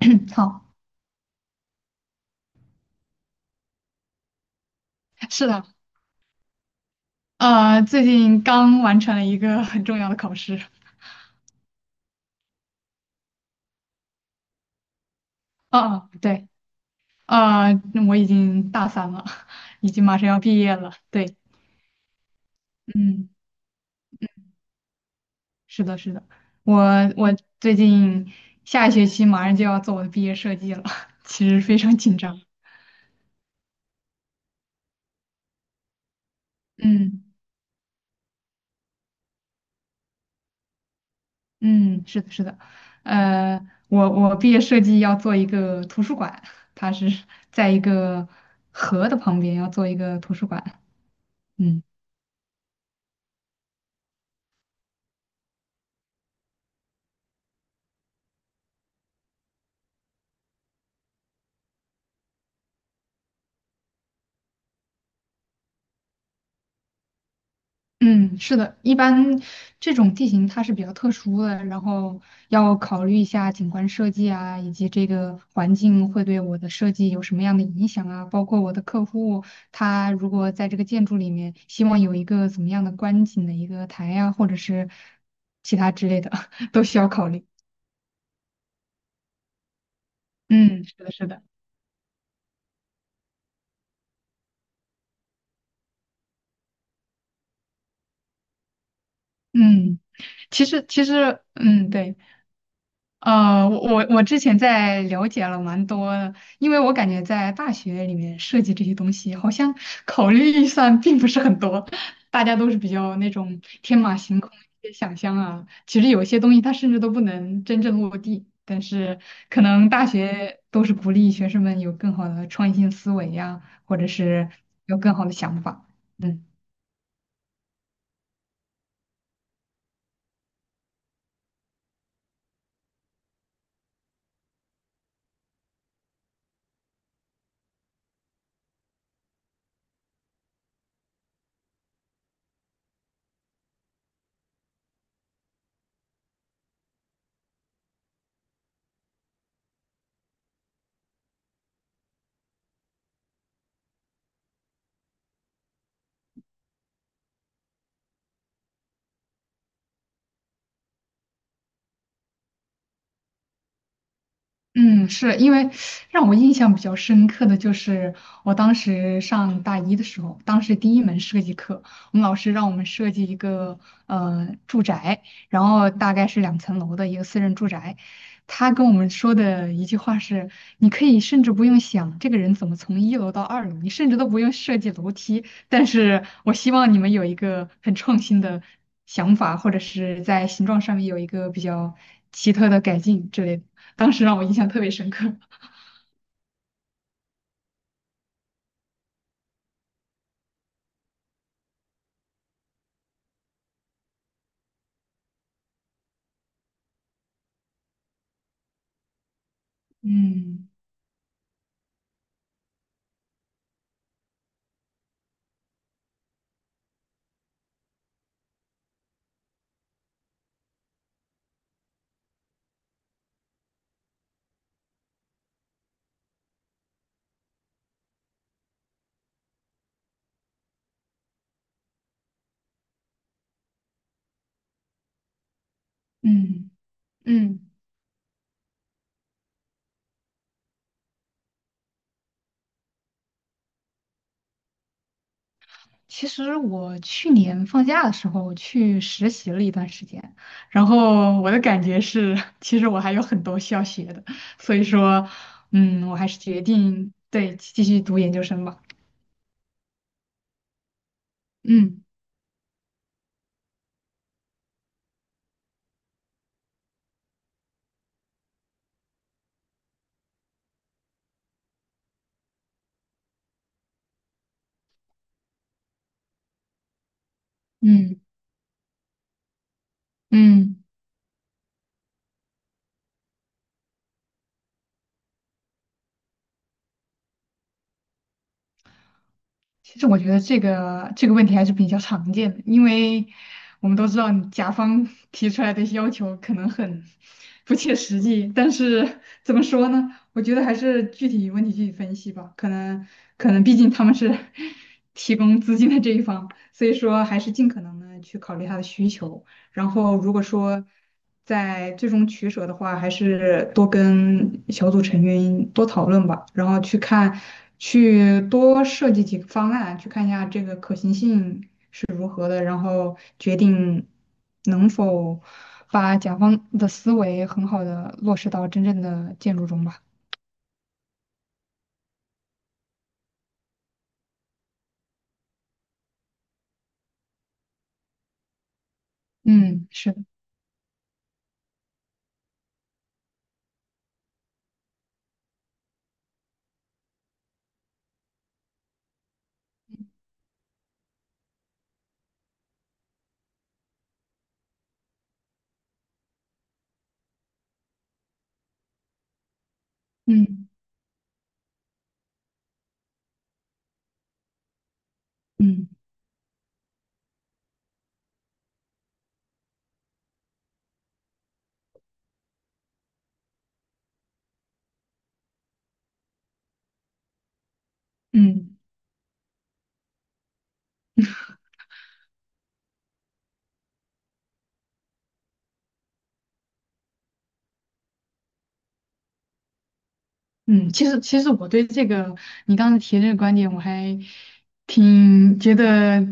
好，是的，最近刚完成了一个很重要的考试。啊啊，对，呃，我已经大三了，已经马上要毕业了。对，嗯，是的，是的，我我最近下一学期马上就要做我的毕业设计了，其实非常紧张。嗯嗯，是的，是的，呃，我毕业设计要做一个图书馆，它是在一个河的旁边要做一个图书馆。嗯。嗯，是的，一般这种地形它是比较特殊的，然后要考虑一下景观设计啊，以及这个环境会对我的设计有什么样的影响啊，包括我的客户他如果在这个建筑里面希望有一个怎么样的观景的一个台呀、或者是其他之类的，都需要考虑。嗯，是的，是的，嗯，其实，对。我之前在了解了蛮多的，因为我感觉在大学里面设计这些东西，好像 考虑预算并不是很多，大家都是比较那种天马行空一些想象啊。其实有些东西它甚至都不能真正落地，但是可能大学都是鼓励学生们有更好的创新思维呀、或者是有更好的想法。嗯。嗯，是因为让我印象比较深刻的就是我当时上大一的时候，当时第一门设计课，我们老师让我们设计一个住宅，然后大概是2层楼的一个私人住宅。他跟我们说的一句话是：你可以甚至不用想这个人怎么从1楼到2楼，你甚至都不用设计楼梯。但是我希望你们有一个很创新的想法，或者是在形状上面有一个比较奇特的改进之类的。当时让我印象特别深刻。嗯嗯嗯，其实我去年放假的时候去实习了一段时间，然后我的感觉是，其实我还有很多需要学的，所以说，嗯，我还是决定对继续读研究生吧。嗯嗯嗯。其实我觉得这个问题还是比较常见的，因为我们都知道你甲方提出来的要求可能很不切实际，但是怎么说呢？我觉得还是具体问题具体分析吧。可能毕竟他们是 提供资金的这一方，所以说还是尽可能的去考虑他的需求。然后如果说在最终取舍的话，还是多跟小组成员多讨论吧，然后去看，去多设计几个方案，去看一下这个可行性是如何的，然后决定能否把甲方的思维很好的落实到真正的建筑中吧。嗯，是的，嗯嗯嗯。嗯，其实我对这个你刚才提这个观点，我还挺觉得，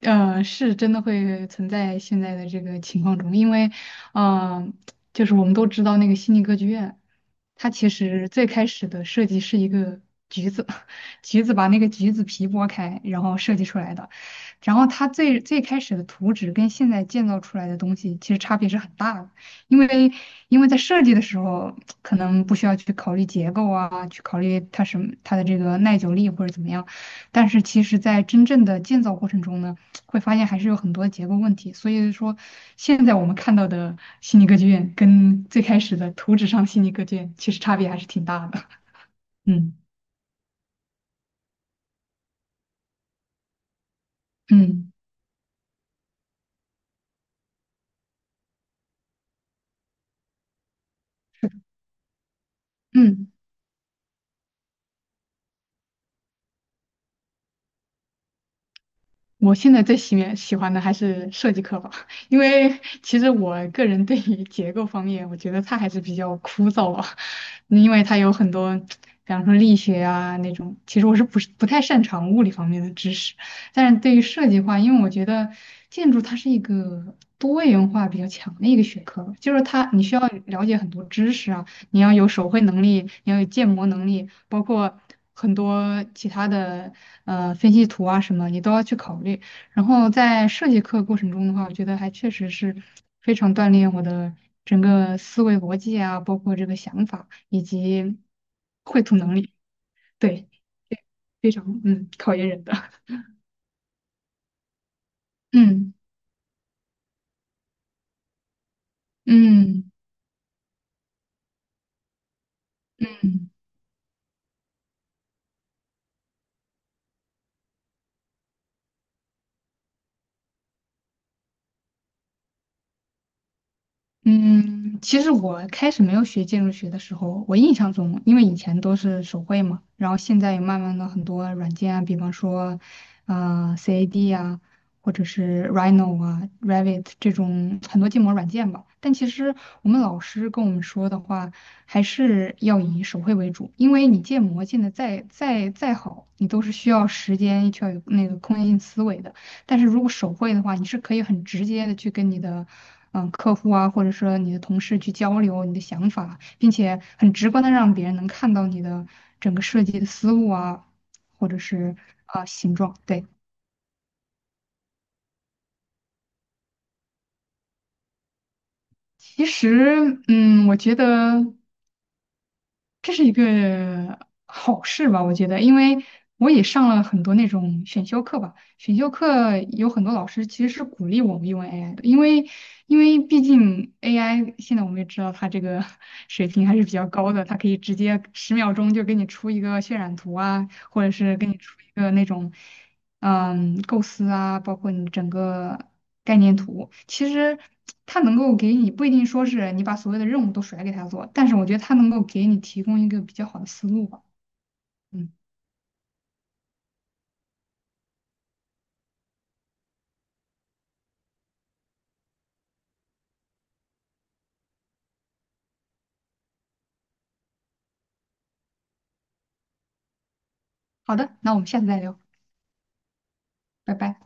是真的会存在现在的这个情况中，因为，呃，就是我们都知道那个悉尼歌剧院，它其实最开始的设计是一个橘子，橘子把那个橘子皮剥开，然后设计出来的，然后它最最开始的图纸跟现在建造出来的东西其实差别是很大的。因为因为在设计的时候，可能不需要去考虑结构啊，去考虑它什么它的这个耐久力或者怎么样，但是其实在真正的建造过程中呢，会发现还是有很多结构问题。所以说，现在我们看到的悉尼歌剧院跟最开始的图纸上悉尼歌剧院其实差别还是挺大的。嗯嗯嗯。我现在最喜欢的还是设计课吧，因为其实我个人对于结构方面，我觉得它还是比较枯燥吧，因为它有很多，比方说力学啊那种，其实我是不是不太擅长物理方面的知识，但是对于设计的话，因为我觉得建筑它是一个多元化比较强的一个学科就是它你需要了解很多知识啊，你要有手绘能力，你要有建模能力，包括很多其他的分析图啊什么，你都要去考虑。然后在设计课过程中的话，我觉得还确实是非常锻炼我的整个思维逻辑啊，包括这个想法以及绘图能力，对，非常考验人的，嗯嗯。嗯嗯，其实我开始没有学建筑学的时候，我印象中，因为以前都是手绘嘛，然后现在也慢慢的很多软件啊，比方说，CAD 啊，或者是 Rhino 啊、Revit 这种很多建模软件吧。但其实我们老师跟我们说的话，还是要以手绘为主，因为你建模建的再好，你都是需要时间，需要有那个空间性思维的。但是如果手绘的话，你是可以很直接的去跟你的客户啊，或者说你的同事去交流你的想法，并且很直观的让别人能看到你的整个设计的思路啊，或者是啊、形状。对，其实我觉得。这是一个好事吧，我觉得，因为我也上了很多那种选修课吧，选修课有很多老师其实是鼓励我们用 AI 的，因为毕竟 AI 现在我们也知道它这个 水平还是比较高的，它可以直接10秒钟就给你出一个渲染图啊，或者是给你出一个那种。嗯，构思啊，包括你整个概念图，其实它能够给你不一定说是你把所有的任务都甩给他做，但是我觉得它能够给你提供一个比较好的思路吧。嗯，好的，那我们下次再聊，拜拜。